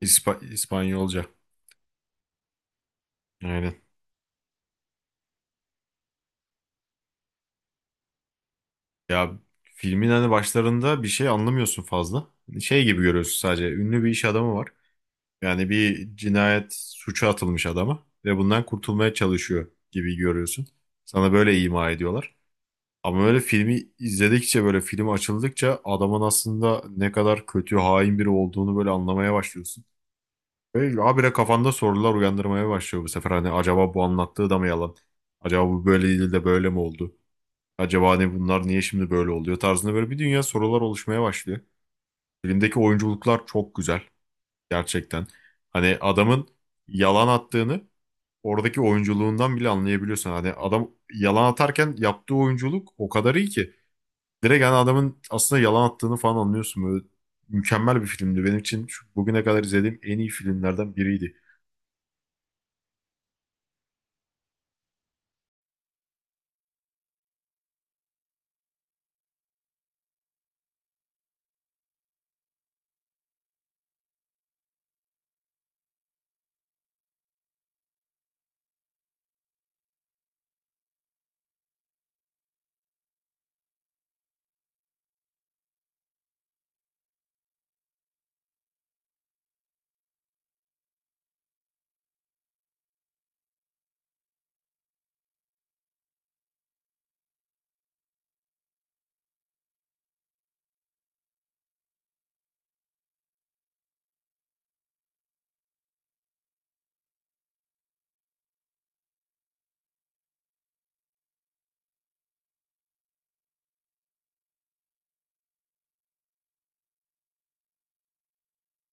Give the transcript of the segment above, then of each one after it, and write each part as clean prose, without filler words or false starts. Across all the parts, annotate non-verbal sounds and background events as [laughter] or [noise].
İspanyolca. Aynen. Ya filmin hani başlarında bir şey anlamıyorsun fazla. Şey gibi görüyorsun sadece. Ünlü bir iş adamı var. Yani bir cinayet suça atılmış adama ve bundan kurtulmaya çalışıyor gibi görüyorsun. Sana böyle ima ediyorlar. Ama öyle filmi izledikçe böyle film açıldıkça adamın aslında ne kadar kötü, hain biri olduğunu böyle anlamaya başlıyorsun. Ve habire kafanda sorular uyandırmaya başlıyor bu sefer. Hani acaba bu anlattığı da mı yalan? Acaba bu böyle değil de böyle mi oldu? Acaba ne bunlar niye şimdi böyle oluyor tarzında böyle bir dünya sorular oluşmaya başlıyor. Filmdeki oyunculuklar çok güzel gerçekten. Hani adamın yalan attığını oradaki oyunculuğundan bile anlayabiliyorsun. Hani adam yalan atarken yaptığı oyunculuk o kadar iyi ki. Direkt hani adamın aslında yalan attığını falan anlıyorsun. Böyle mükemmel bir filmdi. Benim için şu bugüne kadar izlediğim en iyi filmlerden biriydi.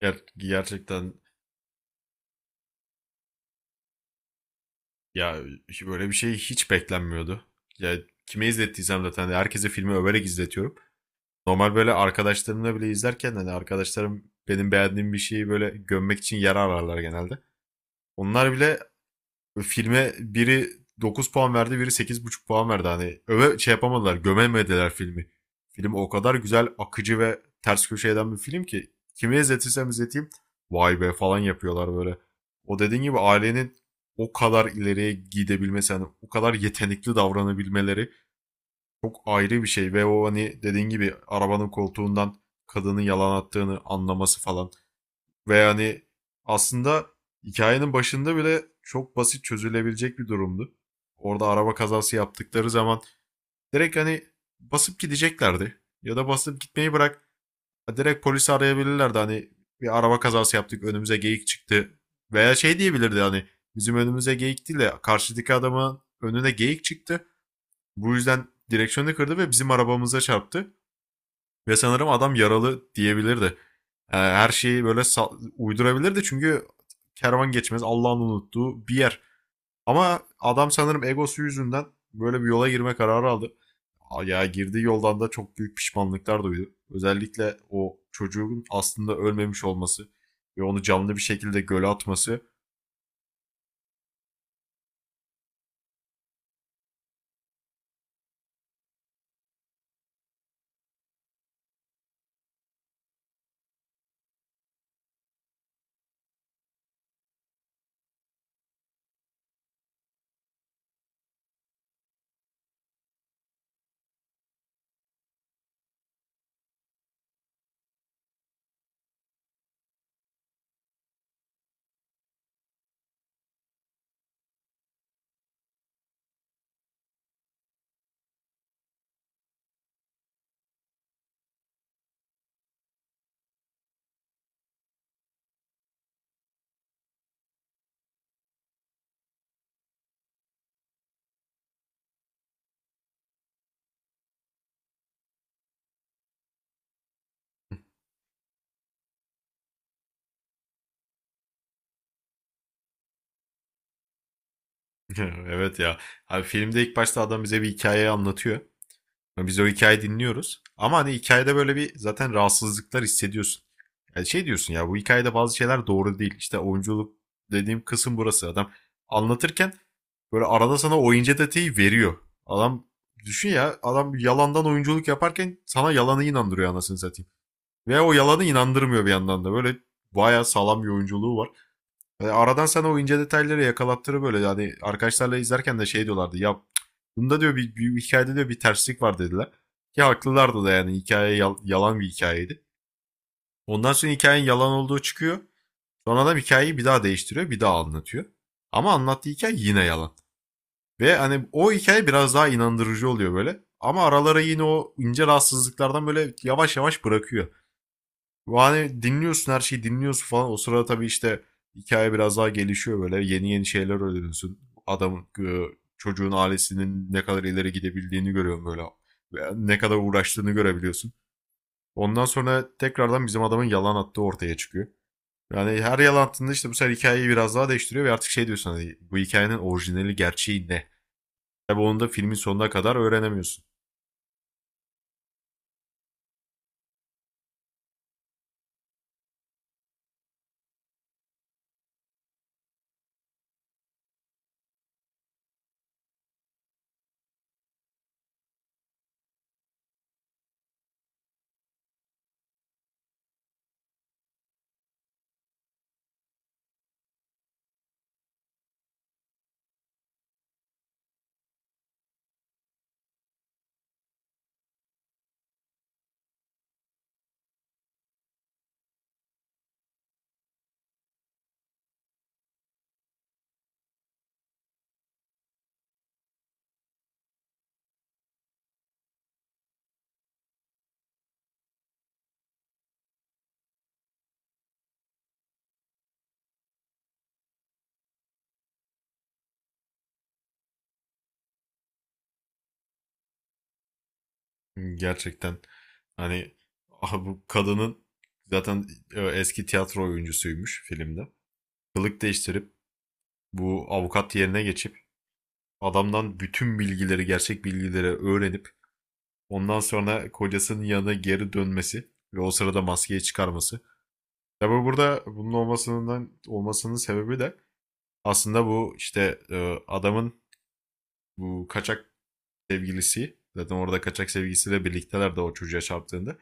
Gerçekten ya böyle bir şey hiç beklenmiyordu. Ya kime izlettiysem zaten herkese filmi överek izletiyorum. Normal böyle arkadaşlarımla bile izlerken hani arkadaşlarım benim beğendiğim bir şeyi böyle gömmek için yer ararlar genelde. Onlar bile filme biri 9 puan verdi, biri 8,5 puan verdi. Hani öve şey yapamadılar, gömemediler filmi. Film o kadar güzel, akıcı ve ters köşe eden bir film ki kime izletirsem izleteyim vay be falan yapıyorlar böyle. O dediğin gibi ailenin o kadar ileriye gidebilmesi, hani o kadar yetenekli davranabilmeleri çok ayrı bir şey ve o hani dediğin gibi arabanın koltuğundan kadının yalan attığını anlaması falan. Ve hani aslında hikayenin başında bile çok basit çözülebilecek bir durumdu. Orada araba kazası yaptıkları zaman direkt hani basıp gideceklerdi. Ya da basıp gitmeyi bırak ha direkt polisi arayabilirlerdi hani bir araba kazası yaptık önümüze geyik çıktı. Veya şey diyebilirdi hani bizim önümüze geyik değil de karşıdaki adamın önüne geyik çıktı. Bu yüzden direksiyonu kırdı ve bizim arabamıza çarptı. Ve sanırım adam yaralı diyebilirdi. Her şeyi böyle uydurabilirdi çünkü kervan geçmez Allah'ın unuttuğu bir yer. Ama adam sanırım egosu yüzünden böyle bir yola girme kararı aldı. Ya girdiği yoldan da çok büyük pişmanlıklar duydu. Özellikle o çocuğun aslında ölmemiş olması ve onu canlı bir şekilde göle atması. [laughs] Evet ya. Abi filmde ilk başta adam bize bir hikayeyi anlatıyor. Biz o hikayeyi dinliyoruz. Ama hani hikayede böyle bir zaten rahatsızlıklar hissediyorsun. Yani şey diyorsun ya bu hikayede bazı şeyler doğru değil. İşte oyunculuk dediğim kısım burası. Adam anlatırken böyle arada sana oyuncu detayı veriyor. Adam düşün ya adam yalandan oyunculuk yaparken sana yalanı inandırıyor anasını satayım. Ve o yalanı inandırmıyor bir yandan da. Böyle bayağı sağlam bir oyunculuğu var. Aradan sana o ince detayları yakalattırı böyle. Yani arkadaşlarla izlerken de şey diyorlardı. Ya bunda diyor bir hikayede diyor bir terslik var dediler. Ki haklılardı da yani hikaye yalan bir hikayeydi. Ondan sonra hikayenin yalan olduğu çıkıyor. Sonra adam hikayeyi bir daha değiştiriyor, bir daha anlatıyor. Ama anlattığı hikaye yine yalan. Ve hani o hikaye biraz daha inandırıcı oluyor böyle. Ama aralara yine o ince rahatsızlıklardan böyle yavaş yavaş bırakıyor. Yani dinliyorsun her şeyi dinliyorsun falan. O sırada tabii işte hikaye biraz daha gelişiyor böyle. Yeni yeni şeyler öğreniyorsun. Adamın e, Çocuğun ailesinin ne kadar ileri gidebildiğini görüyorsun böyle. Ve ne kadar uğraştığını görebiliyorsun. Ondan sonra tekrardan bizim adamın yalan attığı ortaya çıkıyor. Yani her yalan attığında işte bu sefer hikayeyi biraz daha değiştiriyor ve artık şey diyorsun hani bu hikayenin orijinali gerçeği ne? Tabii onu da filmin sonuna kadar öğrenemiyorsun. Gerçekten hani aha bu kadının zaten eski tiyatro oyuncusuymuş filmde. Kılık değiştirip bu avukat yerine geçip adamdan bütün bilgileri, gerçek bilgileri öğrenip ondan sonra kocasının yanına geri dönmesi ve o sırada maskeyi çıkarması. Tabi burada bunun olmasından olmasının sebebi de aslında bu işte adamın bu kaçak sevgilisi zaten orada kaçak sevgilisiyle birlikteler de o çocuğa çarptığında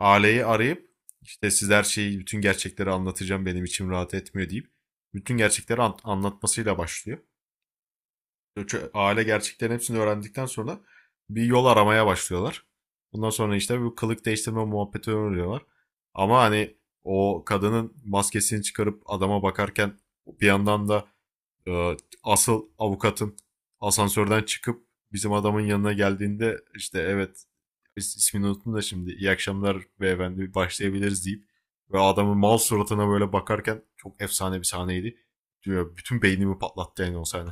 aileyi arayıp işte siz her şeyi bütün gerçekleri anlatacağım benim içim rahat etmiyor deyip bütün gerçekleri anlatmasıyla başlıyor. Aile gerçeklerin hepsini öğrendikten sonra bir yol aramaya başlıyorlar. Bundan sonra işte bu kılık değiştirme muhabbeti öğreniyorlar. Ama hani o kadının maskesini çıkarıp adama bakarken bir yandan da e, asıl avukatın asansörden çıkıp bizim adamın yanına geldiğinde işte evet ismini unuttum da şimdi iyi akşamlar beyefendi başlayabiliriz deyip ve adamın mal suratına böyle bakarken çok efsane bir sahneydi. Diyor, bütün beynimi patlattı yani o sahne.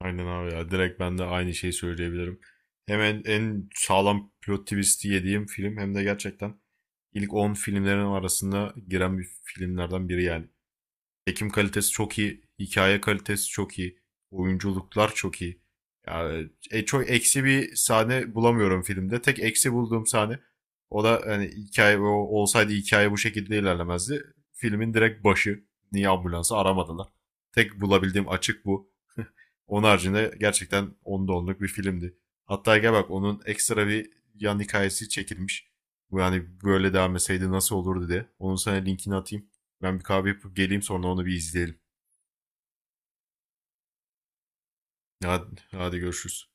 Aynen abi ya direkt ben de aynı şeyi söyleyebilirim. Hem en sağlam plot twist'i yediğim film hem de gerçekten ilk 10 filmlerin arasında giren bir filmlerden biri yani. Çekim kalitesi çok iyi. Hikaye kalitesi çok iyi. Oyunculuklar çok iyi. Yani, çok eksi bir sahne bulamıyorum filmde. Tek eksi bulduğum sahne o da hani hikaye olsaydı hikaye bu şekilde ilerlemezdi. Filmin direkt başı. Niye ambulansı aramadılar? Tek bulabildiğim açık bu. Onun haricinde gerçekten 10'da 10'luk bir filmdi. Hatta gel bak onun ekstra bir yan hikayesi çekilmiş. Bu yani böyle devam etseydi nasıl olurdu diye. Onun sana linkini atayım. Ben bir kahve yapıp geleyim sonra onu bir izleyelim. Hadi, hadi görüşürüz.